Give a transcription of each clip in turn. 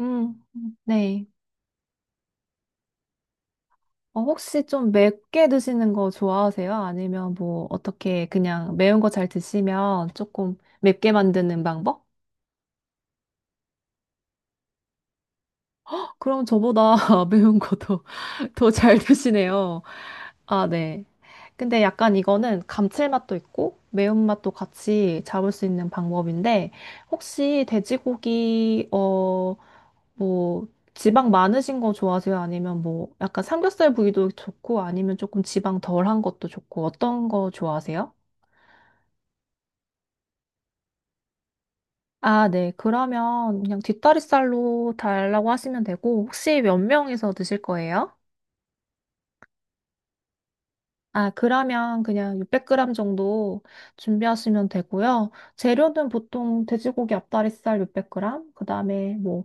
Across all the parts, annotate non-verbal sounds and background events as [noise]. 음, 네. 어, 혹시 좀 맵게 드시는 거 좋아하세요? 아니면 뭐 어떻게 그냥 매운 거 잘 드시면 조금 맵게 만드는 방법? 그럼 저보다 [laughs] 매운 거도 더 잘 [laughs] 드시네요. 아, 네. 근데 약간 이거는 감칠맛도 있고 매운맛도 같이 잡을 수 있는 방법인데 혹시 돼지고기 어 뭐 지방 많으신 거 좋아하세요? 아니면 뭐 약간 삼겹살 부위도 좋고 아니면 조금 지방 덜한 것도 좋고 어떤 거 좋아하세요? 아, 네. 그러면 그냥 뒷다리살로 달라고 하시면 되고 혹시 몇 명이서 드실 거예요? 아, 그러면 그냥 600g 정도 준비하시면 되고요. 재료는 보통 돼지고기 앞다리살 600g, 그다음에 뭐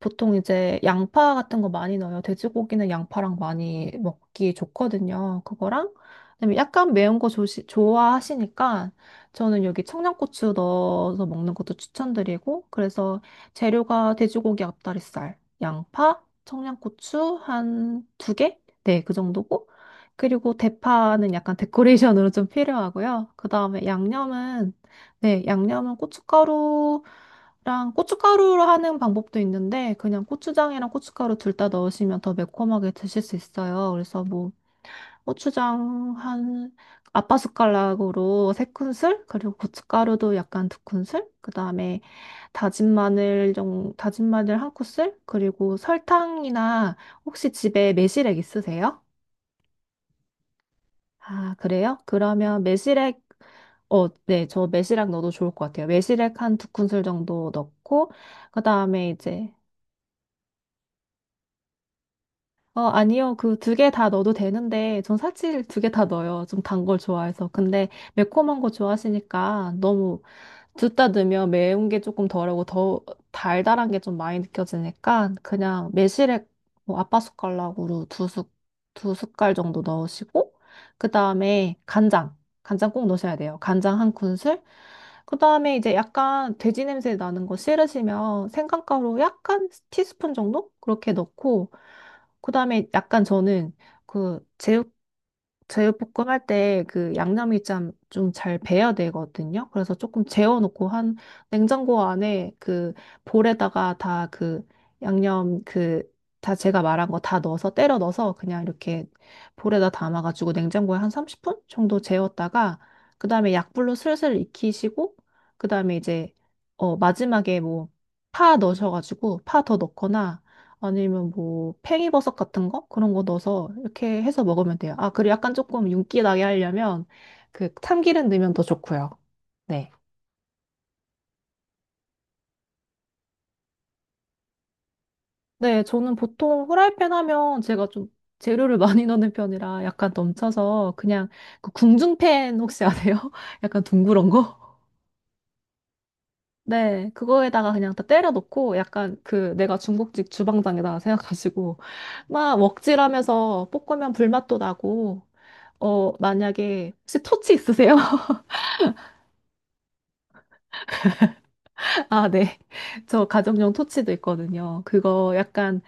보통 이제 양파 같은 거 많이 넣어요. 돼지고기는 양파랑 많이 먹기 좋거든요. 그거랑 그다음에 약간 매운 거 좋아하시니까 저는 여기 청양고추 넣어서 먹는 것도 추천드리고 그래서 재료가 돼지고기 앞다리살, 양파, 청양고추 한 두 개? 네, 그 정도고 그리고 대파는 약간 데코레이션으로 좀 필요하고요. 그다음에 양념은 네, 양념은 고춧가루 랑 고춧가루로 하는 방법도 있는데 그냥 고추장이랑 고춧가루 둘 다 넣으시면 더 매콤하게 드실 수 있어요. 그래서 뭐 고추장 한 아빠 숟가락으로 세 큰술 그리고 고춧가루도 약간 두 큰술 그다음에 다진 마늘 좀 다진 마늘 한 큰술 그리고 설탕이나 혹시 집에 매실액 있으세요? 아, 그래요? 그러면 매실액 어, 네, 저 매실액 넣어도 좋을 것 같아요. 매실액 한 두 큰술 정도 넣고 그다음에 이제 어, 아니요. 그 두 개 다 넣어도 되는데, 전 사실 두 개 다 넣어요. 좀 단 걸 좋아해서. 근데 매콤한 거 좋아하시니까 너무 둘 다 넣으면 매운 게 조금 덜하고 더 달달한 게 좀 많이 느껴지니까 그냥 매실액 뭐 아빠 숟가락으로 두 숟갈 정도 넣으시고, 그 다음에 간장. 간장 꼭 넣으셔야 돼요. 간장 한 큰술. 그 다음에 이제 약간 돼지 냄새 나는 거 싫으시면 생강가루 약간 티스푼 정도? 그렇게 넣고, 그다음에 약간 저는 그 제육볶음 할 때 그 양념이 참 좀 잘 배야 되거든요. 그래서 조금 재워놓고 한 냉장고 안에 그 볼에다가 다 그 양념 그 다 제가 말한 거 다 넣어서 때려 넣어서 그냥 이렇게 볼에다 담아가지고 냉장고에 한 30분 정도 재웠다가 그다음에 약불로 슬슬 익히시고 그다음에 이제 어 마지막에 뭐 파 넣으셔가지고 파 더 넣거나 아니면 뭐 팽이버섯 같은 거? 그런 거 넣어서 이렇게 해서 먹으면 돼요. 아, 그리고 약간 조금 윤기 나게 하려면 그 참기름 넣으면 더 좋고요. 네. 네, 저는 보통 후라이팬 하면 제가 좀 재료를 [laughs] 많이 넣는 편이라 약간 넘쳐서 그냥 그 궁중팬 혹시 아세요? [laughs] 약간 둥그런 거? [laughs] 네, 그거에다가 그냥 다 때려 넣고 약간 그 내가 중국집 주방장이다 생각하시고 막 먹칠하면서 볶으면 불맛도 나고 어 만약에 혹시 토치 있으세요? 아, 네. [laughs] 저 가정용 토치도 있거든요. 그거 약간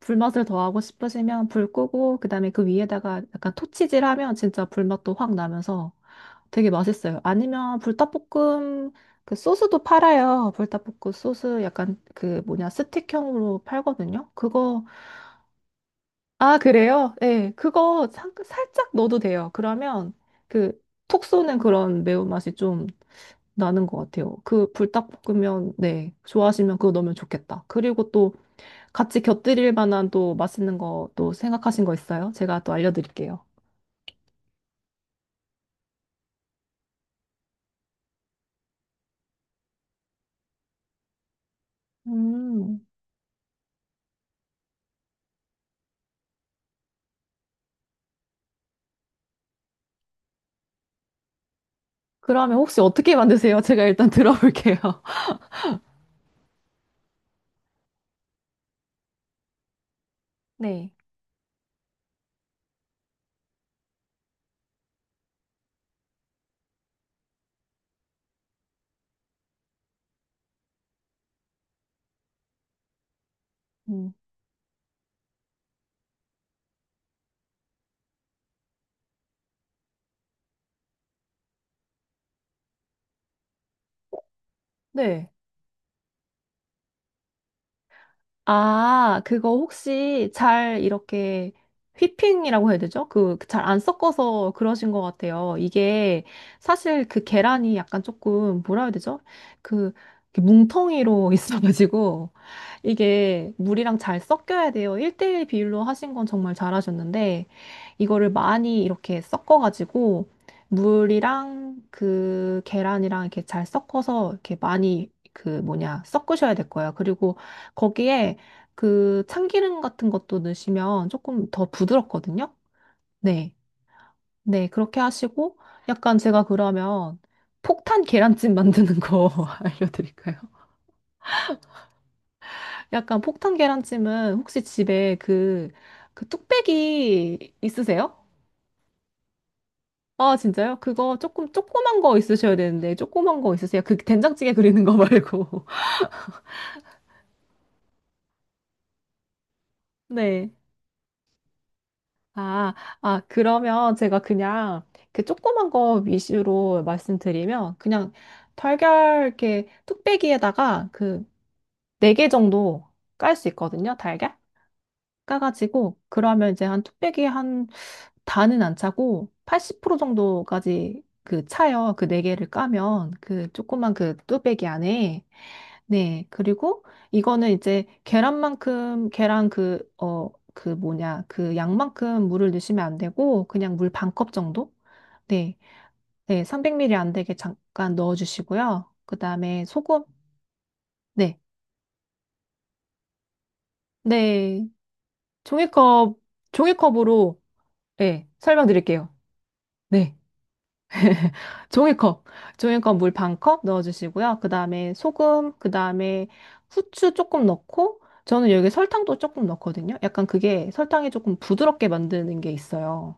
불맛을 더하고 싶으시면 불 끄고, 그 다음에 그 위에다가 약간 토치질 하면 진짜 불맛도 확 나면서 되게 맛있어요. 아니면 불닭볶음 그 소스도 팔아요. 불닭볶음 소스 약간 그 뭐냐, 스틱형으로 팔거든요. 그거, 아, 그래요? 네. 그거 살짝 넣어도 돼요. 그러면 그 톡 쏘는 그런 매운맛이 좀 나는 것 같아요. 그 불닭볶음면, 네, 좋아하시면 그거 넣으면 좋겠다. 그리고 또 같이 곁들일 만한 또 맛있는 거 또 생각하신 거 있어요? 제가 또 알려드릴게요. 음, 그러면 혹시 어떻게 만드세요? 제가 일단 [laughs] 들어볼게요. 네. 음, 네. 아, 그거 혹시 잘 이렇게 휘핑이라고 해야 되죠? 그 잘 안 섞어서 그러신 것 같아요. 이게 사실 그 계란이 약간 조금 뭐라 해야 되죠? 그 이렇게 뭉텅이로 [laughs] 있어가지고 이게 물이랑 잘 섞여야 돼요. 1대1 비율로 하신 건 정말 잘하셨는데 이거를 많이 이렇게 섞어가지고 물이랑 그 계란이랑 이렇게 잘 섞어서 이렇게 많이 그 뭐냐 섞으셔야 될 거예요. 그리고 거기에 그 참기름 같은 것도 넣으시면 조금 더 부드럽거든요. 네. 네, 그렇게 하시고 약간 제가 그러면 폭탄 계란찜 만드는 거 [laughs] 알려드릴까요? 약간 폭탄 계란찜은 혹시 집에 그, 그 뚝배기 있으세요? 아, 진짜요? 그거 조금 조그만 거 있으셔야 되는데 조그만 거 있으세요? 그 된장찌개 그리는 거 말고. [laughs] 네. 아, 아, 그러면 제가 그냥 그 조그만 거 위주로 말씀드리면 그냥 달걀 이렇게 뚝배기에다가 그 네 개 정도 깔 수 있거든요. 달걀 까가지고 그러면 이제 한 뚝배기에 한 다는 안 차고 80% 정도까지 그 차요. 그 네 개를 까면 그 조그만 그 뚝배기 안에. 네. 그리고 이거는 이제 계란만큼, 계란 그, 어, 그 뭐냐, 그 양만큼 물을 넣으시면 안 되고, 그냥 물 반컵 정도? 네. 네. 300ml 안 되게 잠깐 넣어주시고요. 그 다음에 소금. 네. 네. 종이컵, 종이컵으로, 네. 설명드릴게요. 네. [laughs] 종이컵, 종이컵 물 반컵 넣어주시고요. 그 다음에 소금, 그 다음에 후추 조금 넣고, 저는 여기 설탕도 조금 넣거든요. 약간 그게 설탕이 조금 부드럽게 만드는 게 있어요.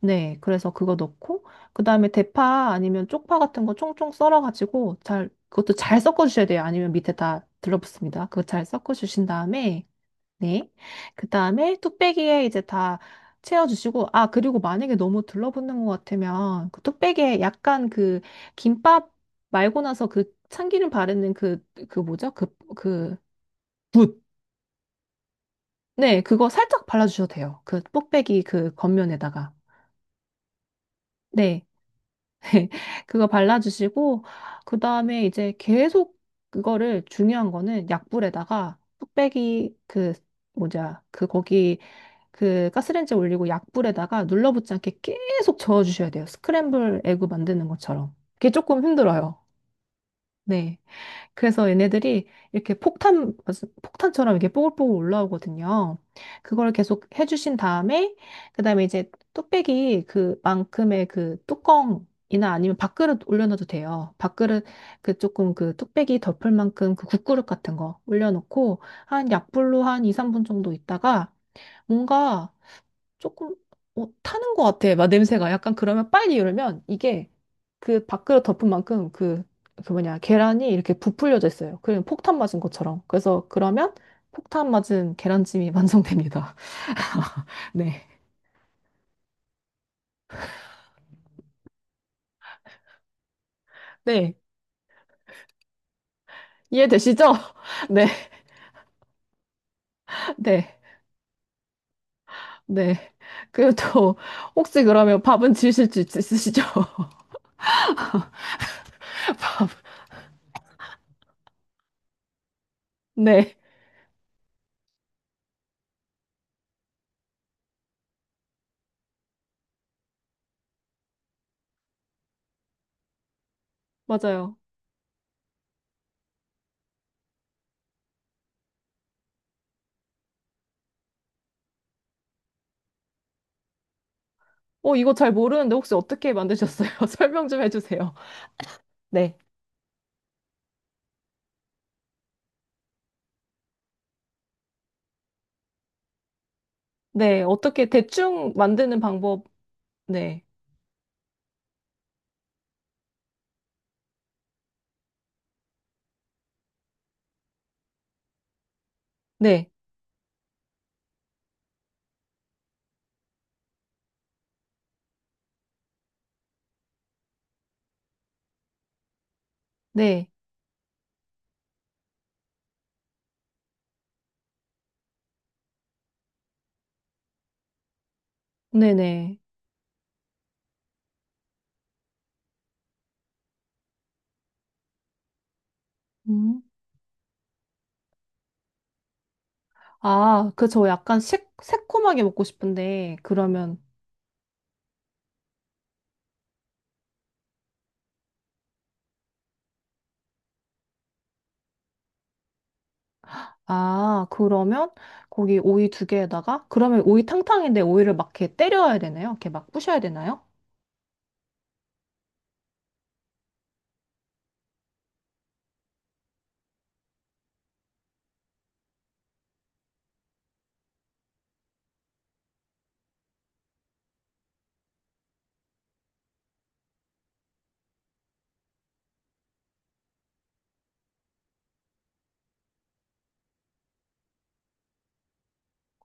네, 그래서 그거 넣고, 그 다음에 대파 아니면 쪽파 같은 거 총총 썰어가지고 잘, 그것도 잘 섞어주셔야 돼요. 아니면 밑에 다 들러붙습니다. 그거 잘 섞어주신 다음에, 네. 그 다음에 뚝배기에 이제 다 채워주시고, 아, 그리고 만약에 너무 둘러붙는 것 같으면 그 뚝배기에 약간 그 김밥 말고 나서 그 참기름 바르는 그, 그 뭐죠? 그, 그, 붓. 네, 그거 살짝 발라주셔도 돼요. 그 뚝배기 그 겉면에다가. 네. [laughs] 그거 발라주시고, 그 다음에 이제 계속 그거를 중요한 거는 약불에다가 뚝배기 그, 뭐냐, 그 거기 그 가스레인지에 올리고 약불에다가 눌러붙지 않게 계속 저어주셔야 돼요. 스크램블 에그 만드는 것처럼. 그게 조금 힘들어요. 네. 그래서 얘네들이 이렇게 폭탄, 무슨 폭탄처럼 이렇게 뽀글뽀글 올라오거든요. 그걸 계속 해주신 다음에, 그 다음에 이제 뚝배기 그만큼의 그 뚜껑이나 아니면 밥그릇 올려놔도 돼요. 밥그릇 그 조금 그 뚝배기 덮을 만큼 그 국그릇 같은 거 올려놓고 한 약불로 한 2, 3분 정도 있다가 뭔가 조금 어, 타는 것 같아. 막 냄새가 약간 그러면 빨리 이러면 이게 그 밥그릇 덮은 만큼 그, 그 뭐냐 계란이 이렇게 부풀려져 있어요. 그냥 폭탄 맞은 것처럼. 그래서 그러면 폭탄 맞은 계란찜이 완성됩니다. [laughs] 네. 네. 이해되시죠? [laughs] 네. 네. 네. 그리고 또 혹시 그러면 밥은 지으실 수 있으시죠? [laughs] 네. 맞아요. 어, 이거 잘 모르는데 혹시 어떻게 만드셨어요? [laughs] 설명 좀 해주세요. 네. 네, 어떻게 대충 만드는 방법 네, 네, 네, 네네. 음. 아, 그 저 약간 새콤하게 먹고 싶은데, 그러면, 아, 그러면 거기 오이 두 개에다가, 그러면 오이 탕탕인데 오이를 막 이렇게 때려야 되나요? 이렇게 막 부셔야 되나요?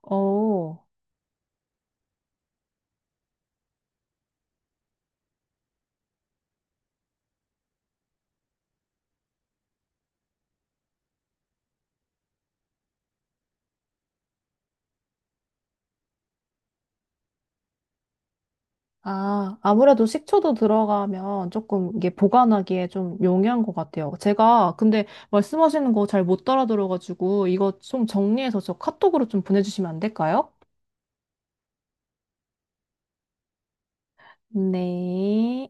어, 아, 아무래도 식초도 들어가면 조금 이게 보관하기에 좀 용이한 것 같아요. 제가 근데 말씀하시는 거 잘 못 따라 들어가지고, 이거 좀 정리해서 저 카톡으로 좀 보내주시면 안 될까요? 네.